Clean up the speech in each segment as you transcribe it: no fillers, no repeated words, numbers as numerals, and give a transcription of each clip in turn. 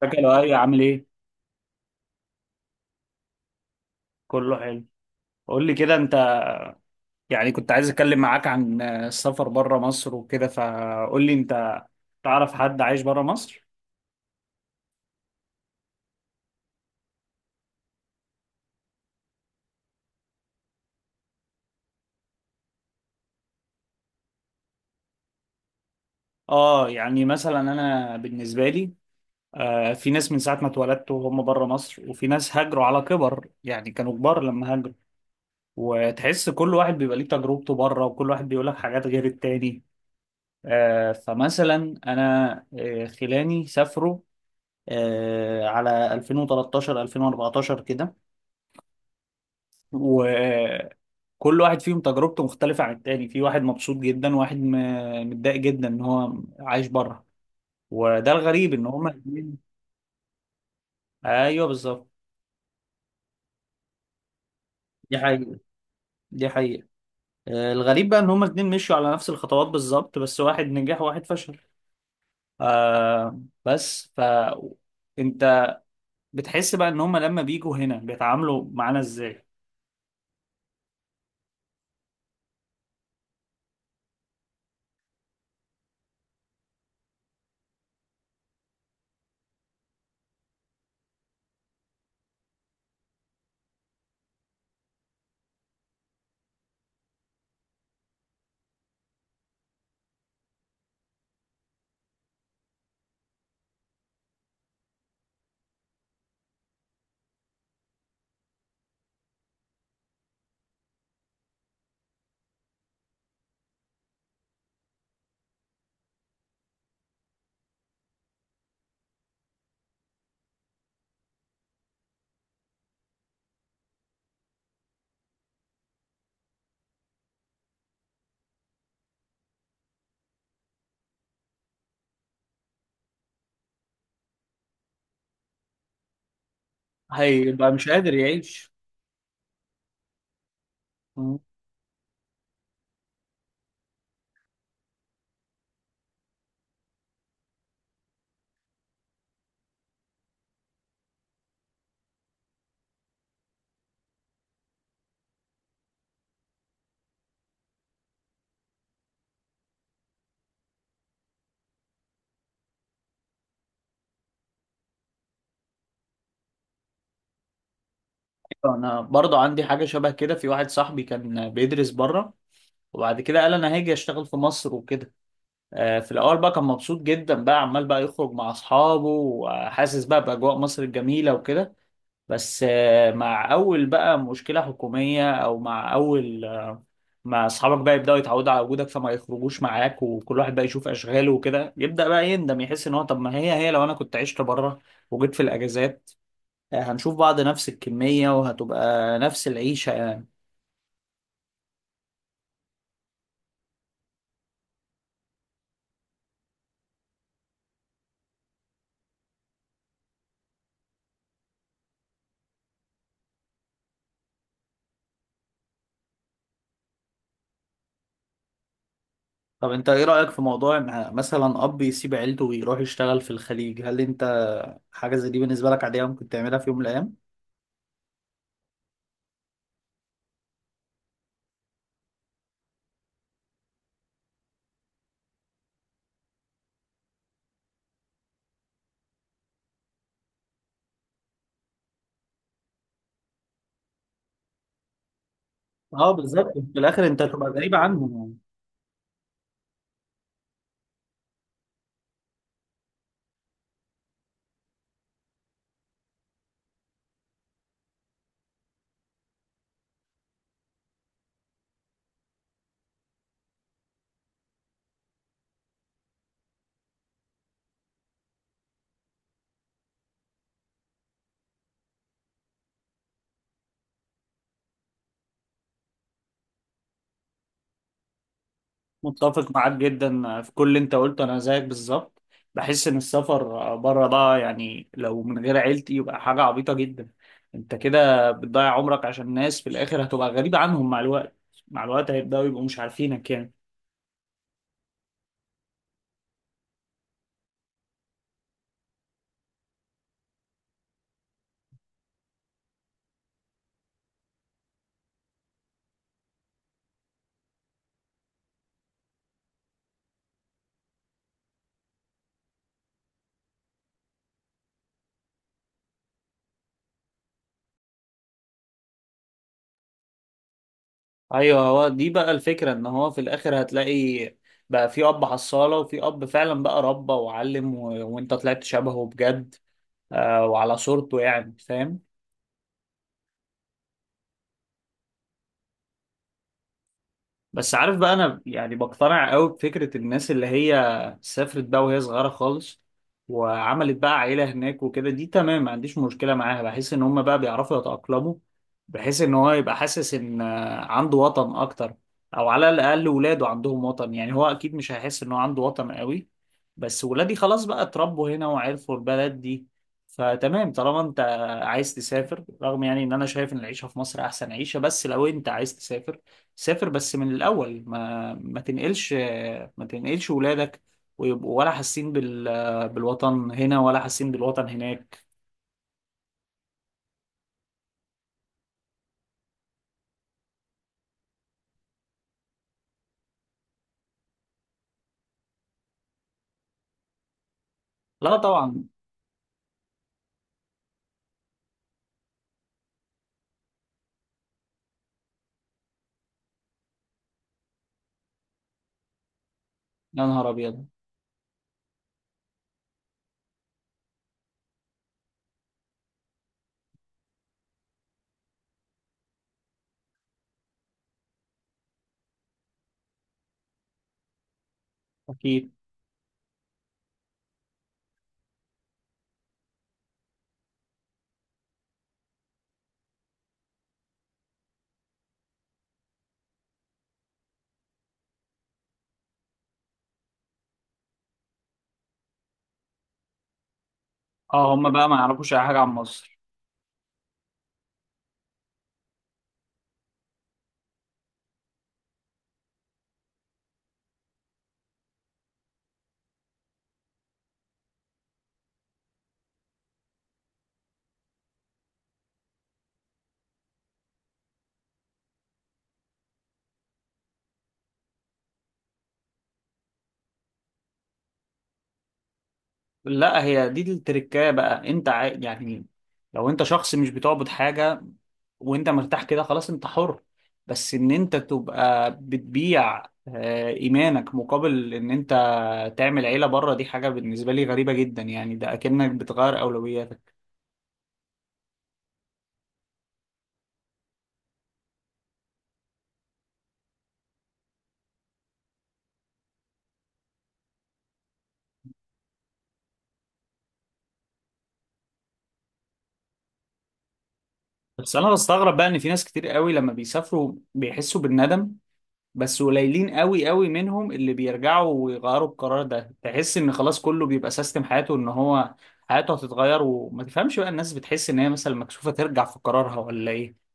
فاكر يا ايه عامل ايه؟ كله حلو. قول لي كده انت. يعني كنت عايز اتكلم معاك عن السفر بره مصر وكده، فقول لي انت تعرف حد عايش بره مصر. اه، يعني مثلا انا بالنسبه لي، في ناس من ساعه ما اتولدت وهم بره مصر، وفي ناس هاجروا على كبر، يعني كانوا كبار لما هاجروا. وتحس كل واحد بيبقى ليه تجربته بره، وكل واحد بيقول لك حاجات غير التاني. فمثلا انا خلاني سافروا على 2013 2014 كده. وكل واحد فيهم تجربته مختلفة عن التاني، في واحد مبسوط جدا وواحد متضايق جدا ان هو عايش بره. وده الغريب، ان هما الاتنين. ايوه بالظبط. دي حقيقة. دي حقيقة. الغريب بقى ان هما الاتنين مشوا على نفس الخطوات بالظبط، بس واحد نجح وواحد فشل. آه. بس انت بتحس بقى ان هما لما بيجوا هنا بيتعاملوا معانا ازاي. هيبقى مش قادر يعيش. مم. انا برضو عندي حاجة شبه كده، في واحد صاحبي كان بيدرس بره وبعد كده قال انا هاجي اشتغل في مصر وكده. في الاول بقى كان مبسوط جدا، بقى عمال بقى يخرج مع اصحابه وحاسس بقى باجواء مصر الجميله وكده. بس مع اول بقى مشكله حكوميه، او مع اول مع اصحابك بقى يبداوا يتعودوا على وجودك فما يخرجوش معاك، وكل واحد بقى يشوف اشغاله وكده، يبدا بقى يندم يحس ان هو طب ما هي لو انا كنت عشت بره وجيت في الاجازات، هنشوف بعض نفس الكميه وهتبقى نفس العيشه. طب انت ايه رأيك في موضوع ان مثلا اب يسيب عيلته ويروح يشتغل في الخليج؟ هل انت حاجة زي دي بالنسبة لك عادية ممكن تعملها في يوم من الايام؟ اه بالظبط، في الاخر انت هتبقى غريب عنهم يعني. متفق معاك جدا في كل اللي انت قلته، انا زيك بالظبط. بحس ان السفر بره ده، يعني لو من غير عيلتي، يبقى حاجة عبيطة جدا. انت كده بتضيع عمرك عشان ناس في الاخر هتبقى غريب عنهم مع الوقت. مع الوقت هيبدأوا يبقوا مش عارفينك يعني. ايوه، هو دي بقى الفكره، ان هو في الاخر هتلاقي بقى في اب حصاله وفي اب فعلا بقى ربى وعلم وانت طلعت شبهه بجد. وعلى صورته يعني، فاهم؟ بس عارف بقى، انا يعني بقتنع قوي بفكرة الناس اللي هي سافرت بقى وهي صغيرة خالص وعملت بقى عيلة هناك وكده، دي تمام، ما عنديش مشكلة معاها. بحس ان هم بقى بيعرفوا يتأقلموا، بحيث ان هو يبقى حاسس ان عنده وطن اكتر، او على الاقل ولاده عندهم وطن. يعني هو اكيد مش هيحس ان هو عنده وطن قوي، بس ولادي خلاص بقى اتربوا هنا وعرفوا البلد دي. فتمام، طالما انت عايز تسافر، رغم يعني ان انا شايف ان العيشة في مصر احسن عيشة، بس لو انت عايز تسافر سافر، بس من الأول ما تنقلش، ما تنقلش ولادك، ويبقوا ولا حاسين بالوطن هنا ولا حاسين بالوطن هناك. لا طبعا. يا نهار أبيض. أكيد. اه، هما بقى ما يعرفوش أي حاجة عن مصر. لا، هي دي التركاية بقى. أنت يعني لو أنت شخص مش بتعبد حاجة وأنت مرتاح كده خلاص أنت حر. بس إن أنت تبقى بتبيع إيمانك مقابل إن أنت تعمل عيلة بره، دي حاجة بالنسبة لي غريبة جدا، يعني ده أكنك بتغير أولوياتك. بس أنا بستغرب بقى إن في ناس كتير قوي لما بيسافروا بيحسوا بالندم، بس قليلين قوي قوي منهم اللي بيرجعوا ويغيروا القرار ده. تحس إن خلاص كله بيبقى سيستم حياته، إن هو حياته هتتغير. وما تفهمش بقى الناس بتحس إن هي مثلا مكسوفة ترجع في قرارها ولا إيه.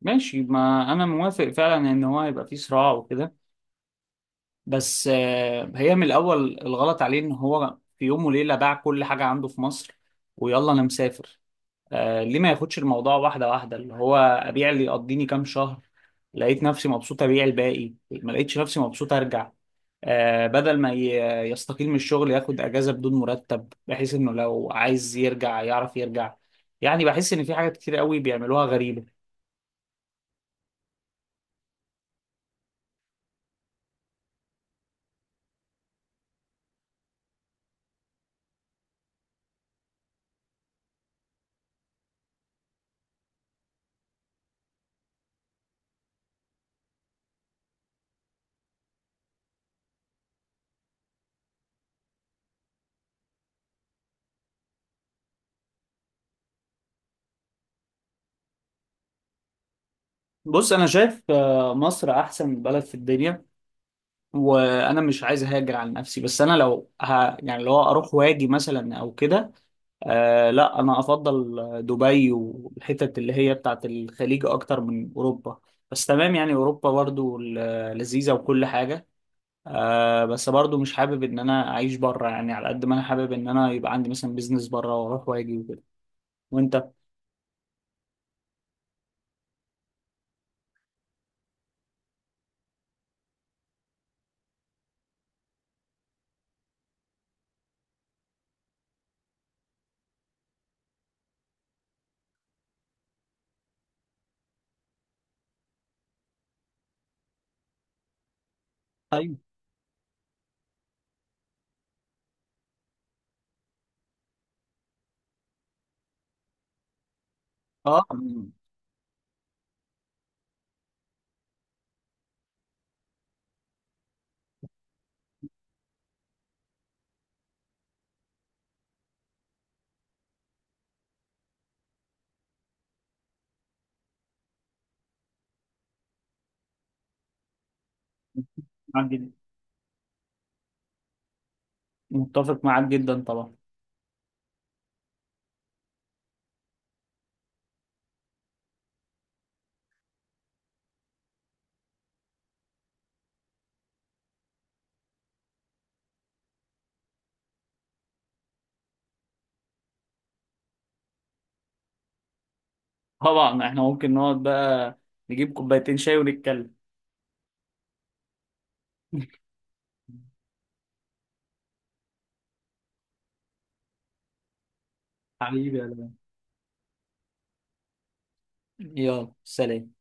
ماشي، ما أنا موافق فعلا إن هو يبقى في صراع وكده. بس هي من الاول الغلط عليه ان هو في يوم وليله باع كل حاجه عنده في مصر، ويلا انا مسافر. ليه ما ياخدش الموضوع واحده واحده، اللي هو ابيع اللي يقضيني كام شهر، لقيت نفسي مبسوط ابيع الباقي، ما لقيتش نفسي مبسوط ارجع. بدل ما يستقيل من الشغل، ياخد اجازه بدون مرتب بحيث انه لو عايز يرجع يعرف يرجع. يعني بحس ان في حاجات كتير قوي بيعملوها غريبه. بص، انا شايف مصر احسن بلد في الدنيا، وانا مش عايز اهاجر على نفسي. بس انا لو يعني لو اروح واجي مثلا او كده، لا، انا افضل دبي والحتت اللي هي بتاعت الخليج اكتر من اوروبا. بس تمام يعني، اوروبا برضو لذيذة وكل حاجة. بس برضو مش حابب ان انا اعيش بره، يعني على قد ما انا حابب ان انا يبقى عندي مثلا بيزنس بره واروح واجي وكده. وانت؟ ايوه. اه. معاك جدا. متفق معاك جدا طبعا. طبعا احنا ممكن نقعد بقى نجيب كوبايتين شاي ونتكلم. حبيبي يا لؤي. يلا سلام.